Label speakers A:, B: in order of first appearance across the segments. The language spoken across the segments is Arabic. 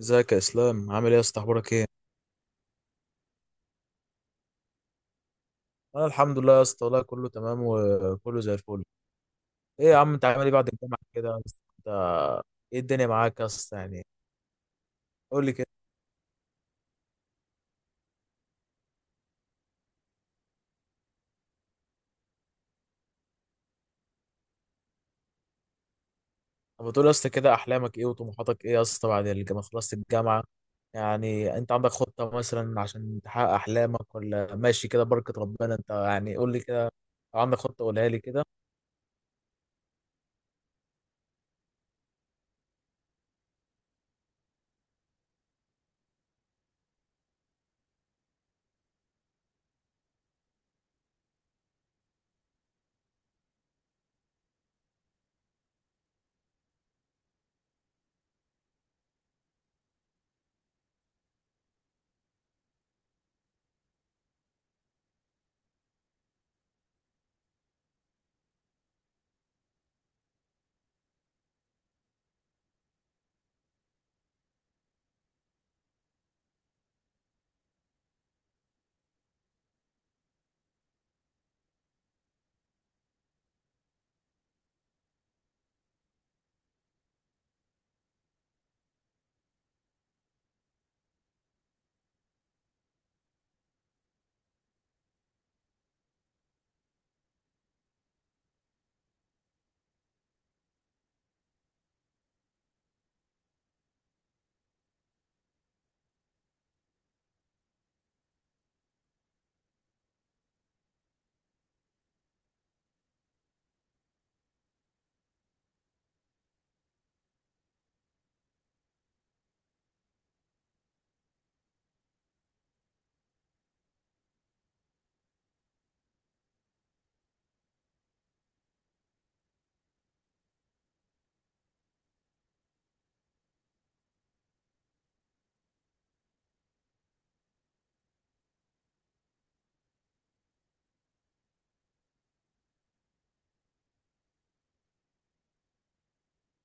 A: ازيك يا اسلام؟ عامل ايه يا اسطى؟ اخبارك ايه؟ انا الحمد لله يا اسطى، والله كله تمام وكله زي الفل. ايه يا عم، انت عامل ايه بعد الجامعه كده يا اسطى؟ انت ايه الدنيا معاك يا اسطى يعني؟ قول لي كده. طب بتقول يا اسطى كده، احلامك ايه وطموحاتك ايه يا اسطى بعد الجامعه؟ خلصت الجامعه يعني، انت عندك خطه مثلا عشان تحقق احلامك ولا ماشي كده بركه ربنا؟ انت يعني قول لي كده، لو عندك خطه قولها لي كده.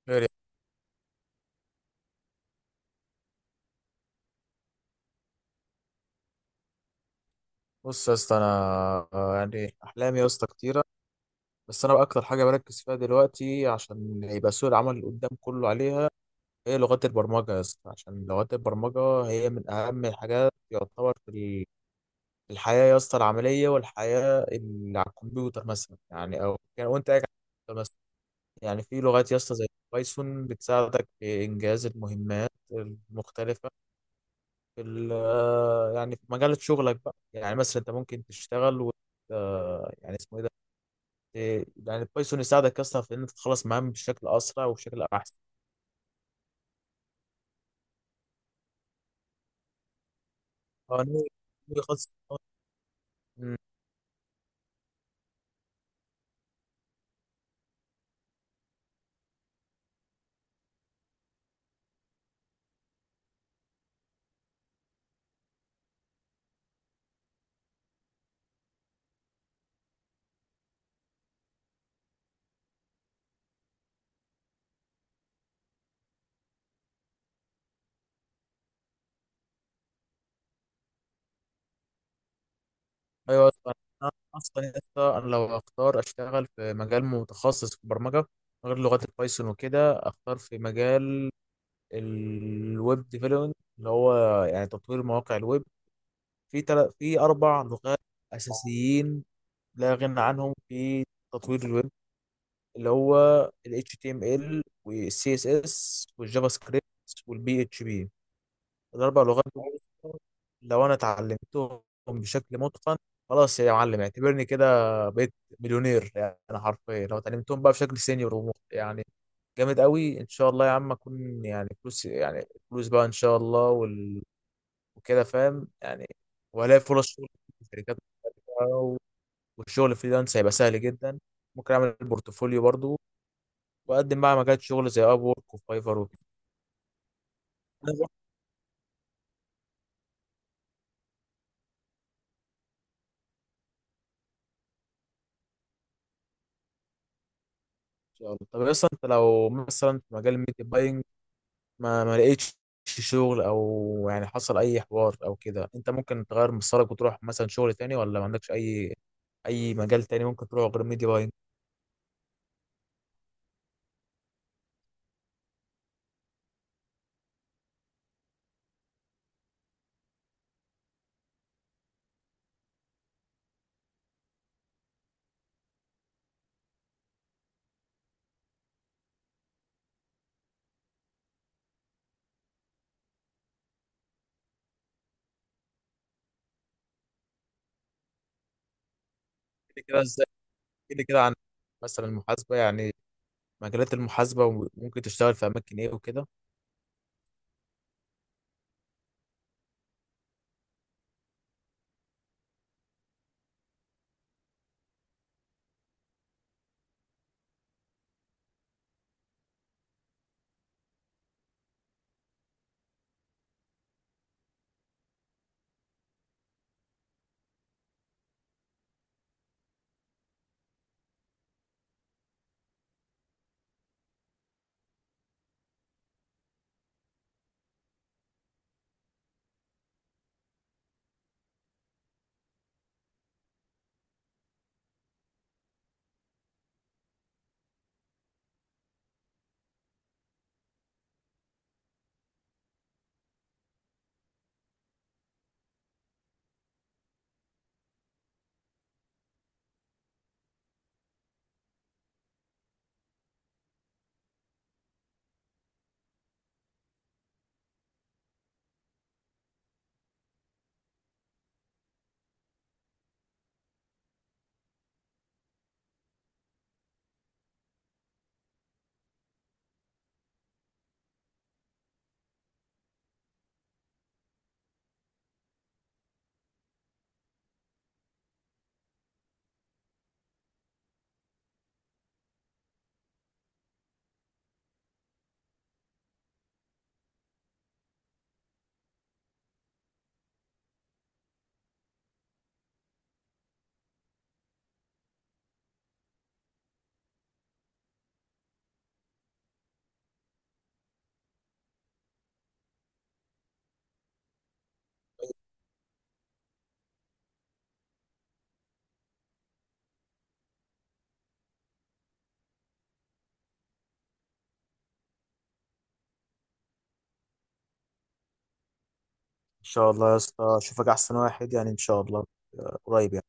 A: خير يعني. بص يا اسطى، انا يعني احلامي يا اسطى كتيره، بس انا بقى اكتر حاجه بركز فيها دلوقتي عشان يبقى سوق العمل اللي قدام كله عليها هي لغات البرمجه يا اسطى. عشان لغات البرمجه هي من اهم الحاجات يعتبر في الحياه يا اسطى العمليه، والحياه اللي على الكمبيوتر مثلا يعني، او يعني وانت قاعد على الكمبيوتر مثلا. يعني في لغات يا اسطى زي بايثون بتساعدك في انجاز المهمات المختلفه في ال- يعني في مجال شغلك بقى. يعني مثلا انت ممكن تشتغل و يعني اسمه ايه ده، يعني البايثون يساعدك اصلا في ان انت تخلص مهام بشكل اسرع وبشكل احسن. هو ناوي- ناوي خالص- مم. ايوه أصلاً. انا اصلا يا اسطى، انا لو اختار اشتغل في مجال متخصص في البرمجه غير لغات البايثون وكده، اختار في مجال الويب ديفلوبمنت، اللي هو يعني تطوير مواقع الويب. في اربع لغات اساسيين لا غنى عنهم في تطوير الويب، اللي هو ال HTML وال CSS والجافا سكريبت والبي اتش بي. الاربع لغات دول لو انا اتعلمتهم بشكل متقن، خلاص يا معلم اعتبرني كده بقيت مليونير. يعني انا حرفيا لو اتعلمتهم بقى بشكل سينيور يعني جامد قوي، ان شاء الله يا عم اكون يعني فلوس يعني، فلوس بقى ان شاء الله وكده فاهم يعني. وهلاقي فرص شغل في الشركات بقى، والشغل فريلانس هيبقى سهل جدا. ممكن اعمل بورتفوليو برضو واقدم بقى مجال شغل زي اب وورك وفايفر وكده. ان شاء الله. طب اصلا انت لو مثلا في مجال الميديا باينج ما لقيتش شغل او يعني حصل اي حوار او كده، انت ممكن تغير مسارك وتروح مثلا شغل تاني، ولا ما عندكش اي اي مجال تاني ممكن تروح غير ميديا باينج؟ كده كده ازاي؟ كده كده عن مثلا المحاسبة يعني، مجالات المحاسبة وممكن تشتغل في اماكن ايه وكده. ان شاء الله يا اسطى اشوفك احسن واحد يعني ان شاء الله، قريب يعني.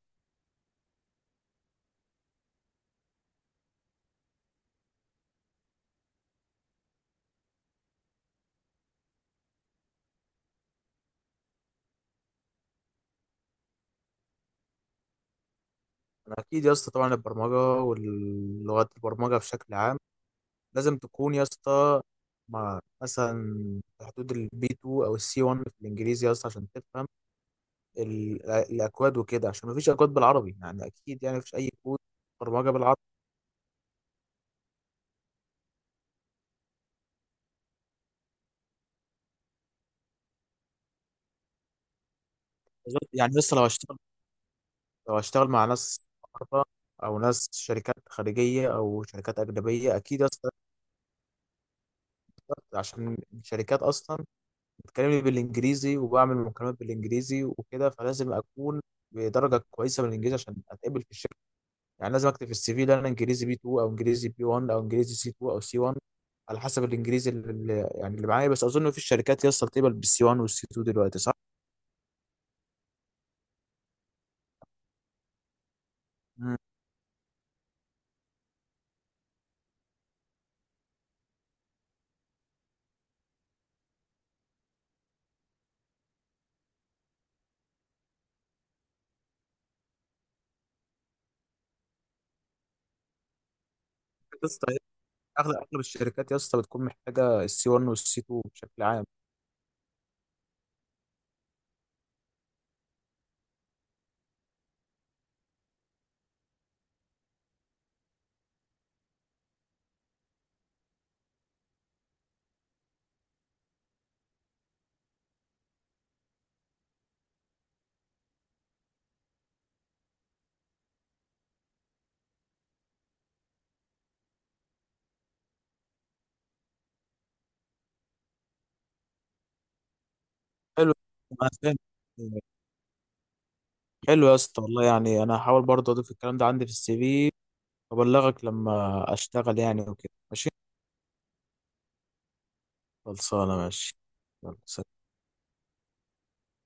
A: انا اكيد يا اسطى طبعا البرمجة واللغات البرمجة بشكل عام لازم تكون يا اسطى مع مثلا في حدود البي 2 او السي 1 في الانجليزي يا اسطى عشان تفهم الاكواد وكده، عشان مفيش اكواد بالعربي يعني، اكيد يعني مفيش اي كود برمجه بالعربي. يعني لسه لو هشتغل مع ناس بره او ناس شركات خارجيه او شركات اجنبيه، اكيد اصلا عشان الشركات اصلا بتكلمني بالانجليزي وبعمل مكالمات بالانجليزي وكده، فلازم اكون بدرجه كويسه من الانجليزي عشان اتقبل في الشركه. يعني لازم اكتب في السي في ده انا انجليزي بي 2 او انجليزي بي 1 او انجليزي سي 2 او سي 1، على حسب الانجليزي اللي يعني اللي معايا، بس اظن في الشركات يا اسطى بتقبل بالسي 1 والسي 2 دلوقتي، صح؟ مم. يا اسطى اغلب الشركات يا اسطى بتكون محتاجه السي 1 والسي 2 بشكل عام. حلو. أنا فاهم. حلو يا اسطى والله، يعني انا هحاول برضه اضيف الكلام ده عندي في السي في وابلغك لما اشتغل يعني وكده، ماشي. خلصانه، ماشي. يلا.